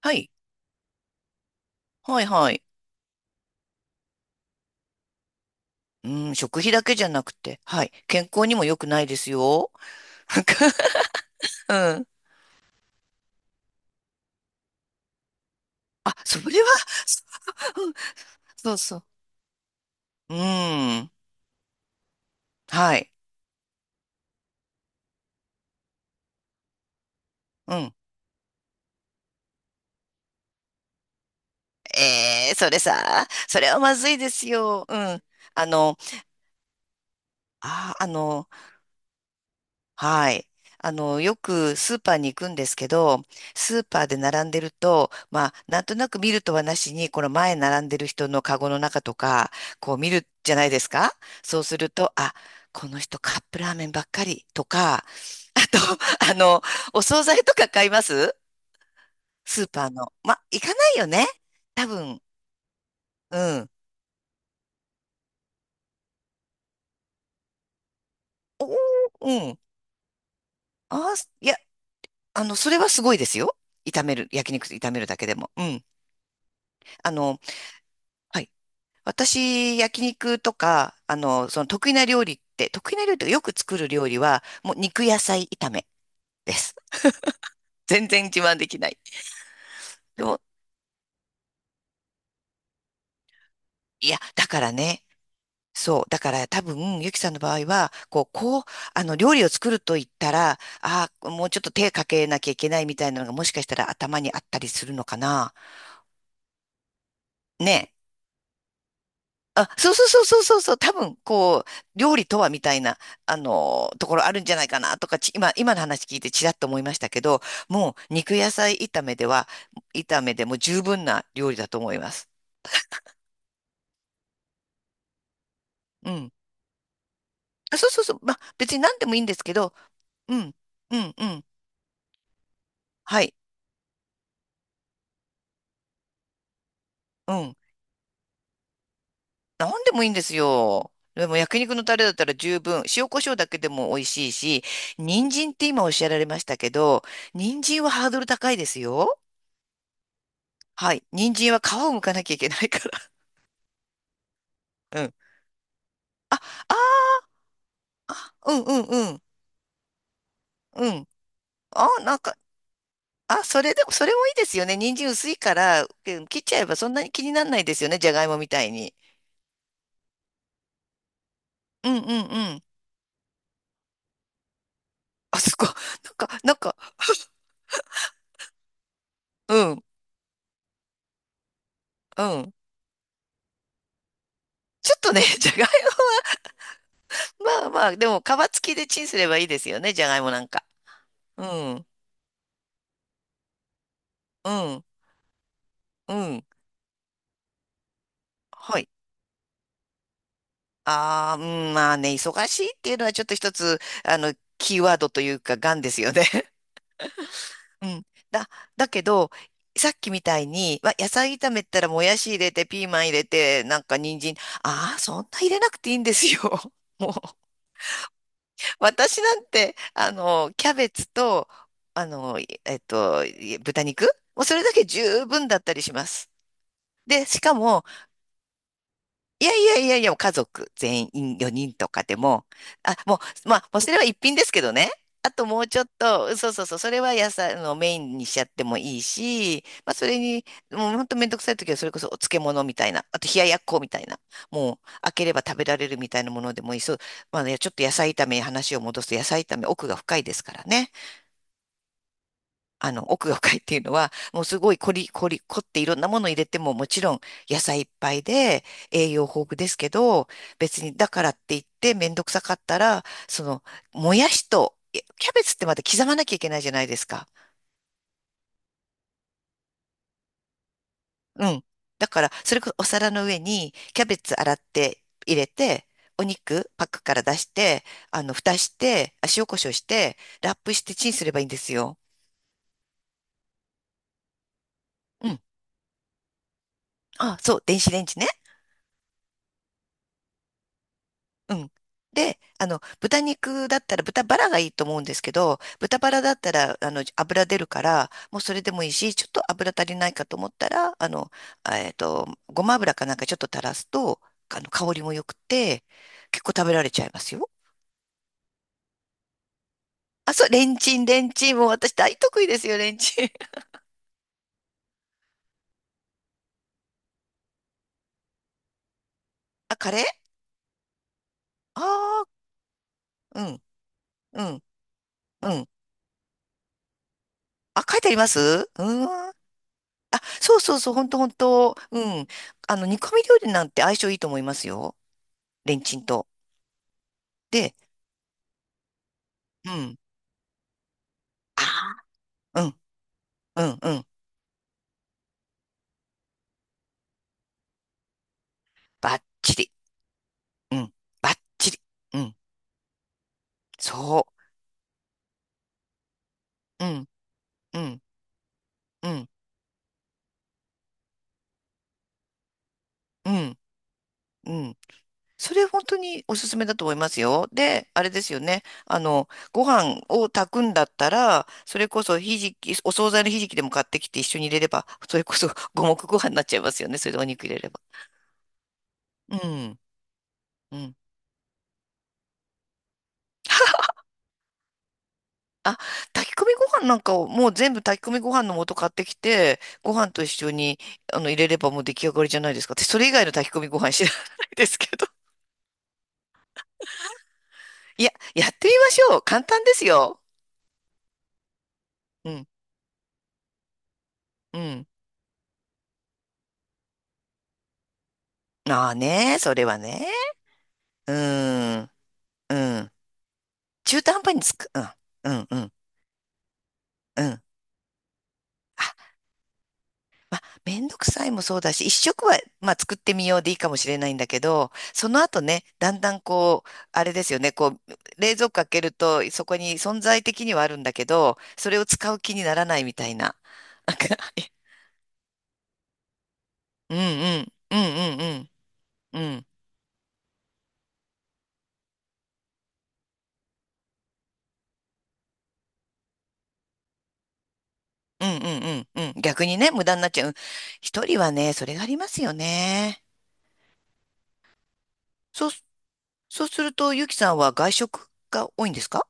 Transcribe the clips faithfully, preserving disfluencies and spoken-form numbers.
はい。はいはい。うん、食費だけじゃなくて、はい。健康にも良くないですよ。なんか、うん。あ、それは、そうんそうそう。うん。はい。うん。えー、それさ、それはまずいですよ。うん。あの、あ、あの、はい。あの、よくスーパーに行くんですけど、スーパーで並んでると、まあ、なんとなく見るとはなしに、この前並んでる人のカゴの中とか、こう見るじゃないですか。そうすると、あ、この人カップラーメンばっかりとか、あと、あの、お惣菜とか買いますスーパーの。まあ、行かないよね。多分、うん。おー、うん。あー、いや、あの、それはすごいですよ。炒める、焼肉炒めるだけでも。うん。あの、はい。私、焼肉とか、あの、その得意な料理って、得意な料理とかよく作る料理は、もう肉野菜炒めです。全然自慢できない。でも、いや、だからね、そう、だから多分、ゆきさんの場合は、こう、こう、あの、料理を作ると言ったら、ああ、もうちょっと手かけなきゃいけないみたいなのが、もしかしたら頭にあったりするのかな。ね。あ、そうそうそうそうそうそう、多分、こう、料理とはみたいな、あの、ところあるんじゃないかなとか、ち、今、今の話聞いてちらっと思いましたけど、もう肉野菜炒めでは、炒めでも十分な料理だと思います。うん。あ、そうそうそう。まあ、別に何でもいいんですけど、うん、うん、うん。はい、うん。何でもいいんですよ。でも焼肉のタレだったら十分、塩コショウだけでも美味しいし、人参って今おっしゃられましたけど、人参はハードル高いですよ。はい。人参は皮を剥かなきゃいけないから。うん。あ、ああ、うんうんうん。うん。あ、なんか、あ、それでも、それもいいですよね。人参薄いから、うん、切っちゃえばそんなに気にならないですよね。じゃがいもみたいに。うんうんうん。あ、そこ、なんか、なんか、うんうん。ちょっとね、じゃがいも、まあまあ、でも皮付きでチンすればいいですよね。じゃがいもなんか。うん、うん、うん。はい。ああ、うん、まあね、忙しいっていうのはちょっと一つ、あの、キーワードというか、癌ですよね。うん。だ、だけど、さっきみたいに、わ、野菜炒めったらもやし入れて、ピーマン入れて、なんか人参、ああ、そんな入れなくていいんですよ。もう、私なんて、あの、キャベツと、あの、えっと、豚肉、もうそれだけ十分だったりします。で、しかも、いやいやいやいや、家族全員よにんとかでも、あ、もう、まあ、もうそれは一品ですけどね。あともうちょっと、そうそうそう、それは野菜あのメインにしちゃってもいいし、まあそれに、もうほんとめんどくさい時はそれこそお漬物みたいな、あと冷ややっこみたいな、もう開ければ食べられるみたいなものでもいい。そう、まあね、ちょっと野菜炒めに話を戻すと野菜炒め奥が深いですからね。あの、奥が深いっていうのは、もうすごい凝り、凝り、凝っていろんなもの入れても、もちろん野菜いっぱいで栄養豊富ですけど、別にだからって言ってめんどくさかったら、その、もやしと、いやキャベツってまた刻まなきゃいけないじゃないですか。うん。だから、それこそお皿の上にキャベツ洗って入れて、お肉パックから出して、あの、蓋して、あ、塩コショウして、ラップしてチンすればいいんですよ。うん。あ、そう、電子レンジね。うん。で、あの、豚肉だったら豚バラがいいと思うんですけど、豚バラだったら、あの、油出るから、もうそれでもいいし、ちょっと油足りないかと思ったら、あの、あえっと、ごま油かなんかちょっと垂らすと、あの、香りも良くて、結構食べられちゃいますよ。あ、そう、レンチン、レンチン。もう私大得意ですよ、レンチン。あ、カレー。ああー、うん、うん、うん。あ、書いてありますうーん。あ、そうそうそう、ほんとほんと。うん。あの、煮込み料理なんて相性いいと思いますよ。レンチンと。で、うん。ああ、うん、うん、うん。バッチリ。うん、バッチリ。うん、そう。うん、うん、うん、うん、うん。それ本当におすすめだと思いますよ。で、あれですよね。あの、ご飯を炊くんだったら、それこそひじき、お惣菜のひじきでも買ってきて一緒に入れれば、それこそ五目ご飯になっちゃいますよね。それでお肉入れれば。うん、うん。あ、炊き込みご飯なんかをもう全部炊き込みご飯の素買ってきて、ご飯と一緒にあの入れればもう出来上がりじゃないですか。私それ以外の炊き込みご飯知らないですけど。いや、やってみましょう。簡単ですよ。うん、うん。ああね、それはね。うーん、うん。中途半端につく。うん、うん、うん、うん。あ、めんどくさいもそうだし、一食は、まあ、作ってみようでいいかもしれないんだけど、その後ね、だんだんこう、あれですよね、こう、冷蔵庫開けると、そこに存在的にはあるんだけど、それを使う気にならないみたいな。なんか うんうんうんうんうんうんうんうんうんうんうん、逆にね、無駄になっちゃう。うん、一人はね、それがありますよね。そう、そうすると、ゆきさんは外食が多いんですか？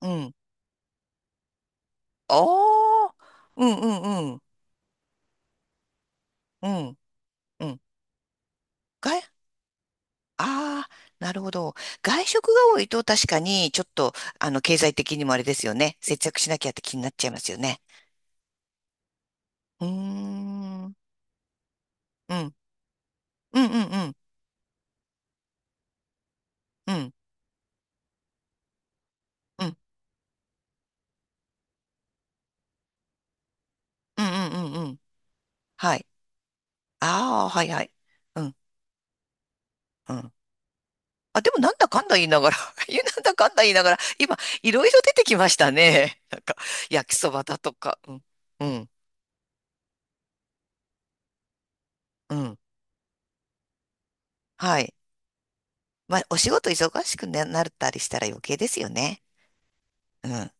うん。ああ、うんうんうん。うんうん。外、ああ、なるほど。外食が多いと確かにちょっと、あの、経済的にもあれですよね。節約しなきゃって気になっちゃいますよね。うーん。うん。うんうんうん。うん。うん。うんうんうんうん。はい。ああ、はいはい。うん。うん。あ、でもなんだかんだ言いながら、いや、なんだかんだ言いながら、今、いろいろ出てきましたね。なんか、焼きそばだとか。うん。うん。うん。はい。まあ、お仕事忙しくななったりしたら余計ですよね。うん。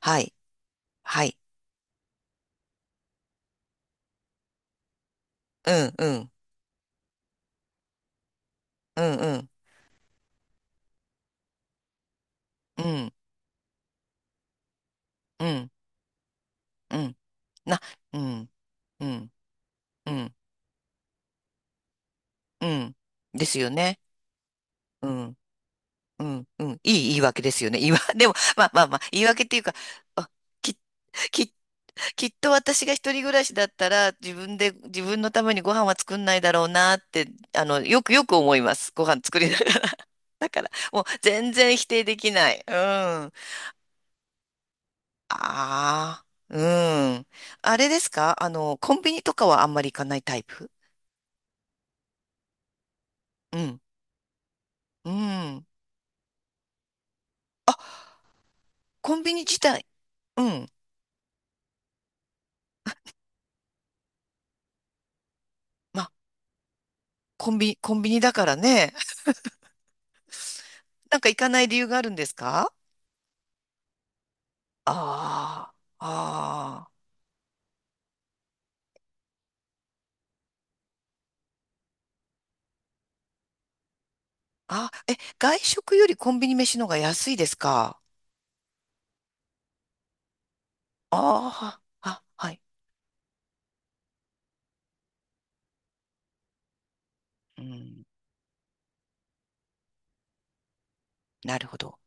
はい。はい。うんうん。うんうんうんうんうんなうんうんうんうんですよね。うんうんうん、いい言い訳ですよね。言いわ でもまあまあまあ言い訳っていうか、あ、き、き、きっと私が一人暮らしだったら自分で自分のためにご飯は作んないだろうなって、あのよくよく思います。ご飯作りながら もう全然否定できない。うん。ああうん、あれですか、あのコンビニとかはあんまり行かないタイプ？うんうん。コンビニ自体、うん。まあ、コンビ、コンビニだからね。なんか行かない理由があるんですか？ああ、ああ、あ、え、外食よりコンビニ飯の方が安いですか？ああ、あ、はい。うん、なるほど。